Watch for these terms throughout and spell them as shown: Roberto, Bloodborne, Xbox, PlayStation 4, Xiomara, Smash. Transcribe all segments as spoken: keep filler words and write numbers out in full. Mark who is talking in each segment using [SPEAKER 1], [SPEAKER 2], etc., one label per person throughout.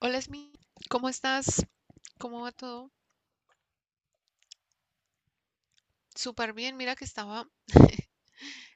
[SPEAKER 1] Hola, Esmi, ¿cómo estás? ¿Cómo va todo? Súper bien, mira que estaba,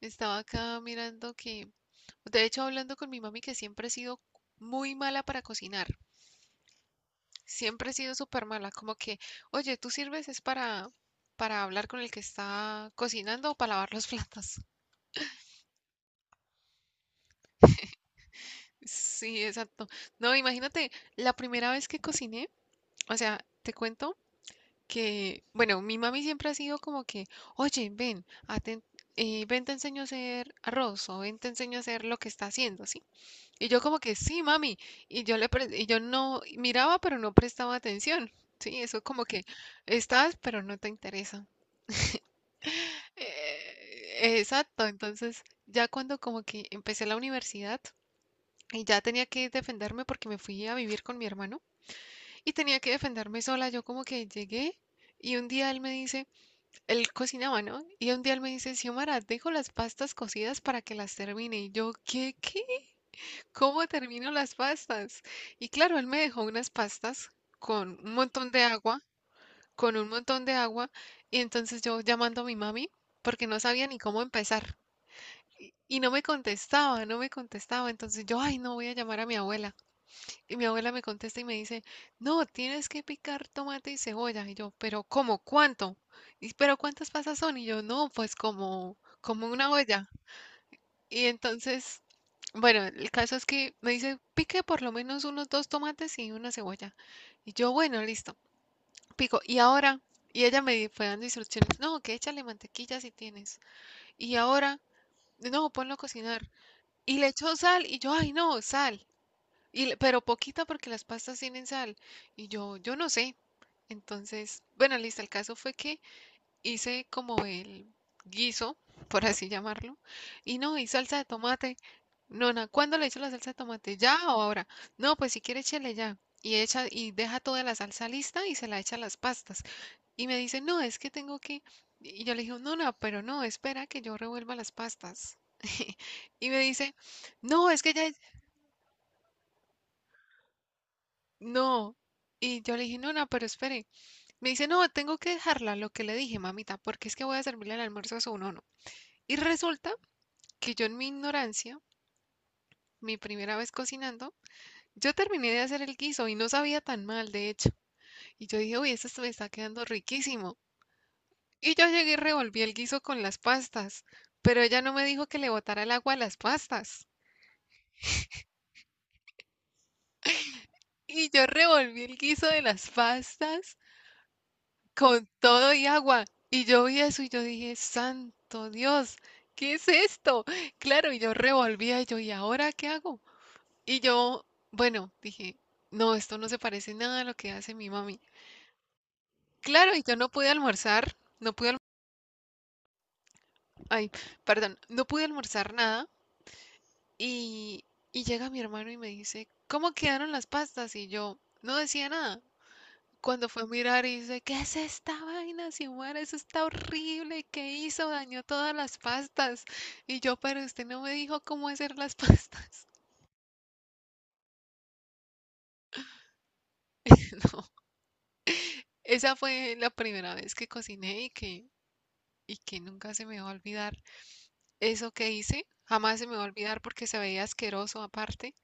[SPEAKER 1] estaba acá mirando que, de hecho, hablando con mi mami que siempre he sido muy mala para cocinar, siempre he sido súper mala, como que, oye, tú sirves es para, para hablar con el que está cocinando o para lavar los platos. Sí, exacto. No, imagínate, la primera vez que cociné, o sea, te cuento, que, bueno, mi mami siempre ha sido como que, oye, ven, aten- eh, ven, te enseño a hacer arroz o ven, te enseño a hacer lo que está haciendo, ¿sí? Y yo como que, sí, mami, y yo le pre- y yo no miraba, pero no prestaba atención, ¿sí? Eso como que estás, pero no te interesa. Eh, exacto, entonces ya cuando como que empecé la universidad y ya tenía que defenderme porque me fui a vivir con mi hermano y tenía que defenderme sola, yo como que llegué y un día él me dice, él cocinaba, ¿no? Y un día él me dice, Xiomara, dejo las pastas cocidas para que las termine. Y yo, ¿qué, qué? ¿Cómo termino las pastas? Y claro, él me dejó unas pastas con un montón de agua, con un montón de agua. Y entonces yo llamando a mi mami, porque no sabía ni cómo empezar. Y, y no me contestaba, no me contestaba. Entonces yo, ay, no voy a llamar a mi abuela. Y mi abuela me contesta y me dice, no, tienes que picar tomate y cebolla. Y yo, pero ¿cómo? ¿Cuánto? Y, pero ¿cuántas pasas son? Y yo, no, pues como, como una olla. Y entonces, bueno, el caso es que me dice, pique por lo menos unos dos tomates y una cebolla. Y yo, bueno, listo, pico. Y ahora, y ella me fue dando instrucciones, no, que échale mantequilla si tienes. Y ahora, no, ponlo a cocinar. Y le echó sal y yo, ay, no, sal. Y, le- pero poquita porque las pastas tienen sal. Y yo, yo no sé. Entonces, bueno, listo, el caso fue que hice como el guiso, por así llamarlo. Y no, y salsa de tomate. Nona, ¿cuándo le echo la salsa de tomate? ¿Ya o ahora? No, pues si quiere échele ya. Y echa y deja toda la salsa lista y se la echa a las pastas. Y me dice, "No, es que tengo que." Y yo le dije, "Nona, pero no, espera que yo revuelva las pastas." Y me dice, "No, es que ya" No. Y yo le dije, no, no, pero espere. Me dice, no, tengo que dejarla, lo que le dije, mamita, porque es que voy a servirle el almuerzo a su nono. Y resulta que yo en mi ignorancia, mi primera vez cocinando, yo terminé de hacer el guiso y no sabía tan mal, de hecho. Y yo dije, uy, esto me está quedando riquísimo. Y yo llegué y revolví el guiso con las pastas, pero ella no me dijo que le botara el agua a las pastas. Y yo revolví el guiso de las pastas con todo y agua. Y yo vi eso y yo dije, santo Dios, ¿qué es esto? Claro, y yo revolvía y yo, ¿y ahora qué hago? Y yo, bueno, dije, no, esto no se parece nada a lo que hace mi mami. Claro, y yo no pude almorzar, no pude, alm- ay, perdón, no pude almorzar nada. Y, y llega mi hermano y me dice, ¿cómo quedaron las pastas? Y yo no decía nada. Cuando fue a mirar y dice, ¿qué es esta vaina, Xiomara? Eso está horrible. ¿Qué hizo? Dañó todas las pastas. Y yo, pero usted no me dijo cómo hacer las pastas. No, esa fue la primera vez que cociné y que, y que nunca se me va a olvidar eso que hice. Jamás se me va a olvidar porque se veía asqueroso aparte.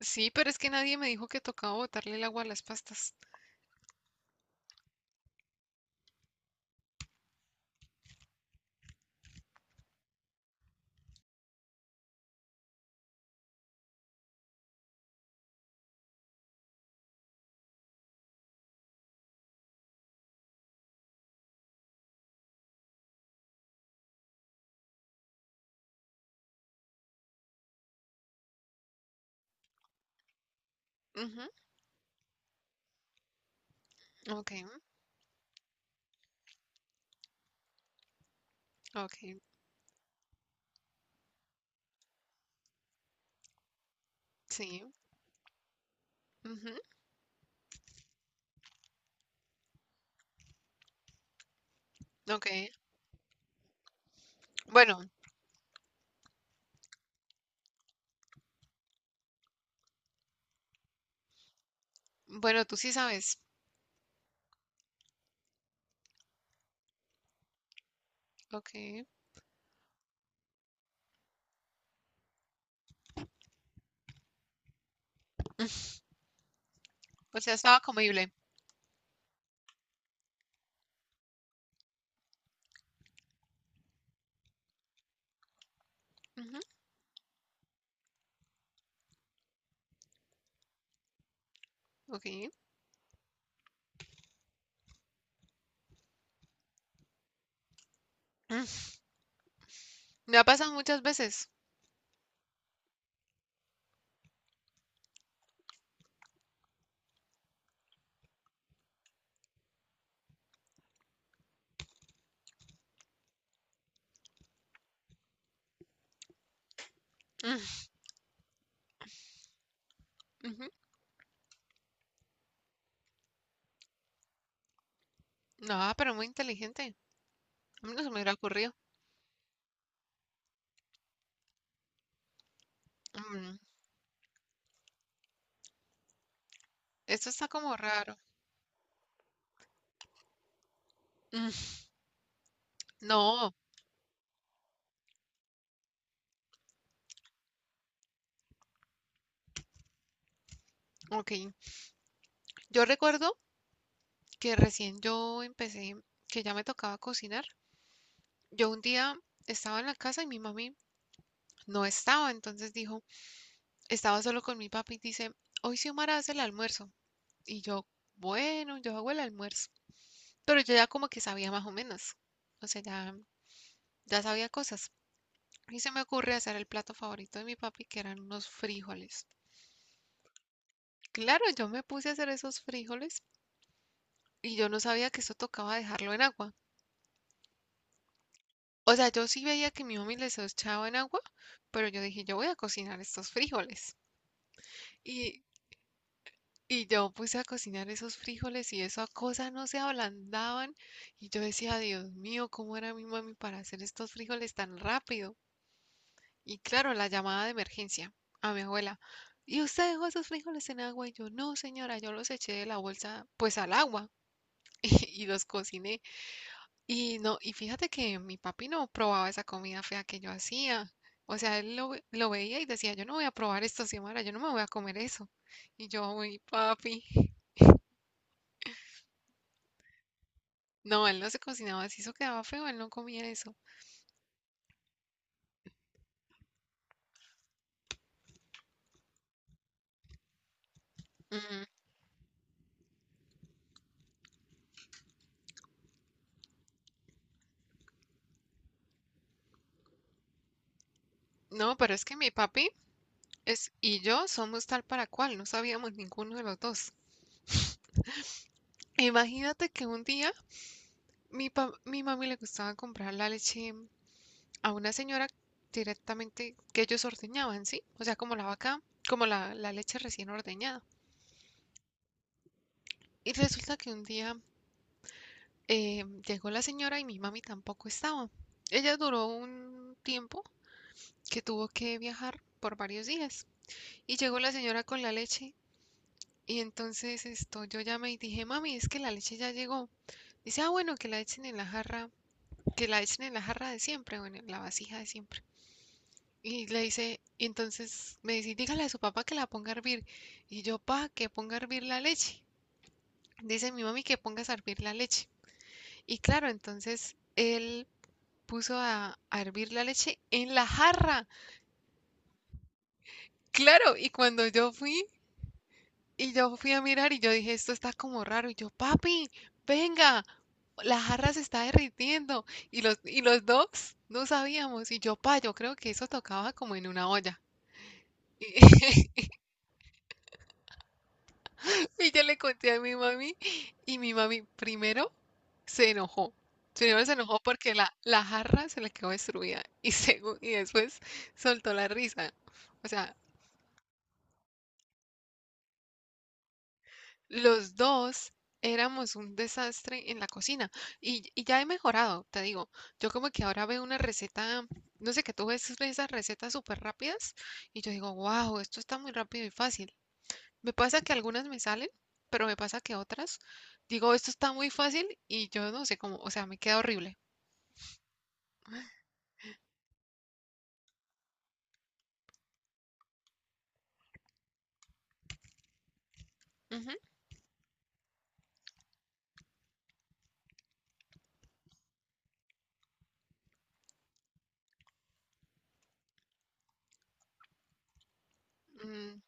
[SPEAKER 1] Sí, pero es que nadie me dijo que tocaba botarle el agua a las pastas. Ujú, ok, ok, sí. Ujú, ok. Bueno, bueno, tú sí sabes. Ok. O sea, estaba comible. Ujú, ok. Mm, me ha pasado muchas veces. Mm, ujú. No, pero muy inteligente. A mí no se me hubiera ocurrido. Mm, esto está como raro. Mm, no, ok. Yo recuerdo que recién yo empecé, que ya me tocaba cocinar. Yo un día estaba en la casa y mi mami no estaba, entonces dijo, estaba solo con mi papi y dice, hoy Xiomara hace el almuerzo. Y yo, bueno, yo hago el almuerzo. Pero yo ya como que sabía más o menos. O sea, ya, ya sabía cosas. Y se me ocurre hacer el plato favorito de mi papi, que eran unos frijoles. Claro, yo me puse a hacer esos frijoles y yo no sabía que eso tocaba dejarlo en agua. O sea, yo sí veía que mi mami les echaba en agua, pero yo dije, yo voy a cocinar estos frijoles. Y, y yo puse a cocinar esos frijoles y esa cosa no se ablandaban. Y yo decía, Dios mío, ¿cómo era mi mami para hacer estos frijoles tan rápido? Y claro, la llamada de emergencia a mi abuela. ¿Y usted dejó esos frijoles en agua? Y yo, no, señora, yo los eché de la bolsa, pues al agua. Y, los cociné. Y no, y fíjate que mi papi no probaba esa comida fea que yo hacía. O sea, él lo, ve- lo veía y decía, yo no voy a probar esto, Xiomara, yo no me voy a comer eso. Y yo, uy, papi. No, él no se cocinaba así, eso quedaba feo, él no comía eso. Mm, no, pero es que mi papi es, y yo somos tal para cual, no sabíamos ninguno de los dos. Imagínate que un día mi, pa- mi mami le gustaba comprar la leche a una señora directamente que ellos ordeñaban, ¿sí? O sea, como la vaca, como la, la leche recién ordeñada. Y resulta que un día eh, llegó la señora y mi mami tampoco estaba. Ella duró un tiempo que tuvo que viajar por varios días. Y llegó la señora con la leche y entonces esto, yo llamé y dije, mami, es que la leche ya llegó. Dice, ah, bueno, que la echen en la jarra, que la echen en la jarra de siempre o en la vasija de siempre. Y le dice, y entonces me dice, dígale a su papá que la ponga a hervir. Y yo, pa, que ponga a hervir la leche. Dice mi mami que pongas a hervir la leche. Y claro, entonces él puso a, a hervir la leche en la jarra. Claro, y cuando yo fui, y yo fui a mirar y yo dije, esto está como raro. Y yo, papi, venga, la jarra se está derritiendo. Y los, y los dos no sabíamos. Y yo, pa, yo creo que eso tocaba como en una olla. Y yo le conté a mi mami y mi mami primero se enojó. Primero se enojó porque la, la jarra se le quedó destruida y, segu- y después soltó la risa. O sea, los dos éramos un desastre en la cocina y, y ya he mejorado, te digo. Yo como que ahora veo una receta, no sé, que tú ves esas recetas súper rápidas y yo digo, wow, esto está muy rápido y fácil. Me pasa que algunas me salen, pero me pasa que otras digo, esto está muy fácil y yo no sé cómo, o sea, me queda horrible. Ujú, mm,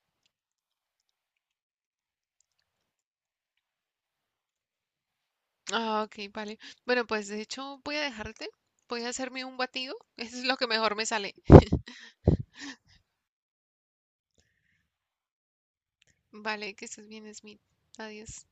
[SPEAKER 1] ah, ok, vale. Bueno, pues de hecho voy a dejarte, voy a hacerme un batido, eso es lo que mejor me sale. Vale, que estés bien, Smith. Adiós.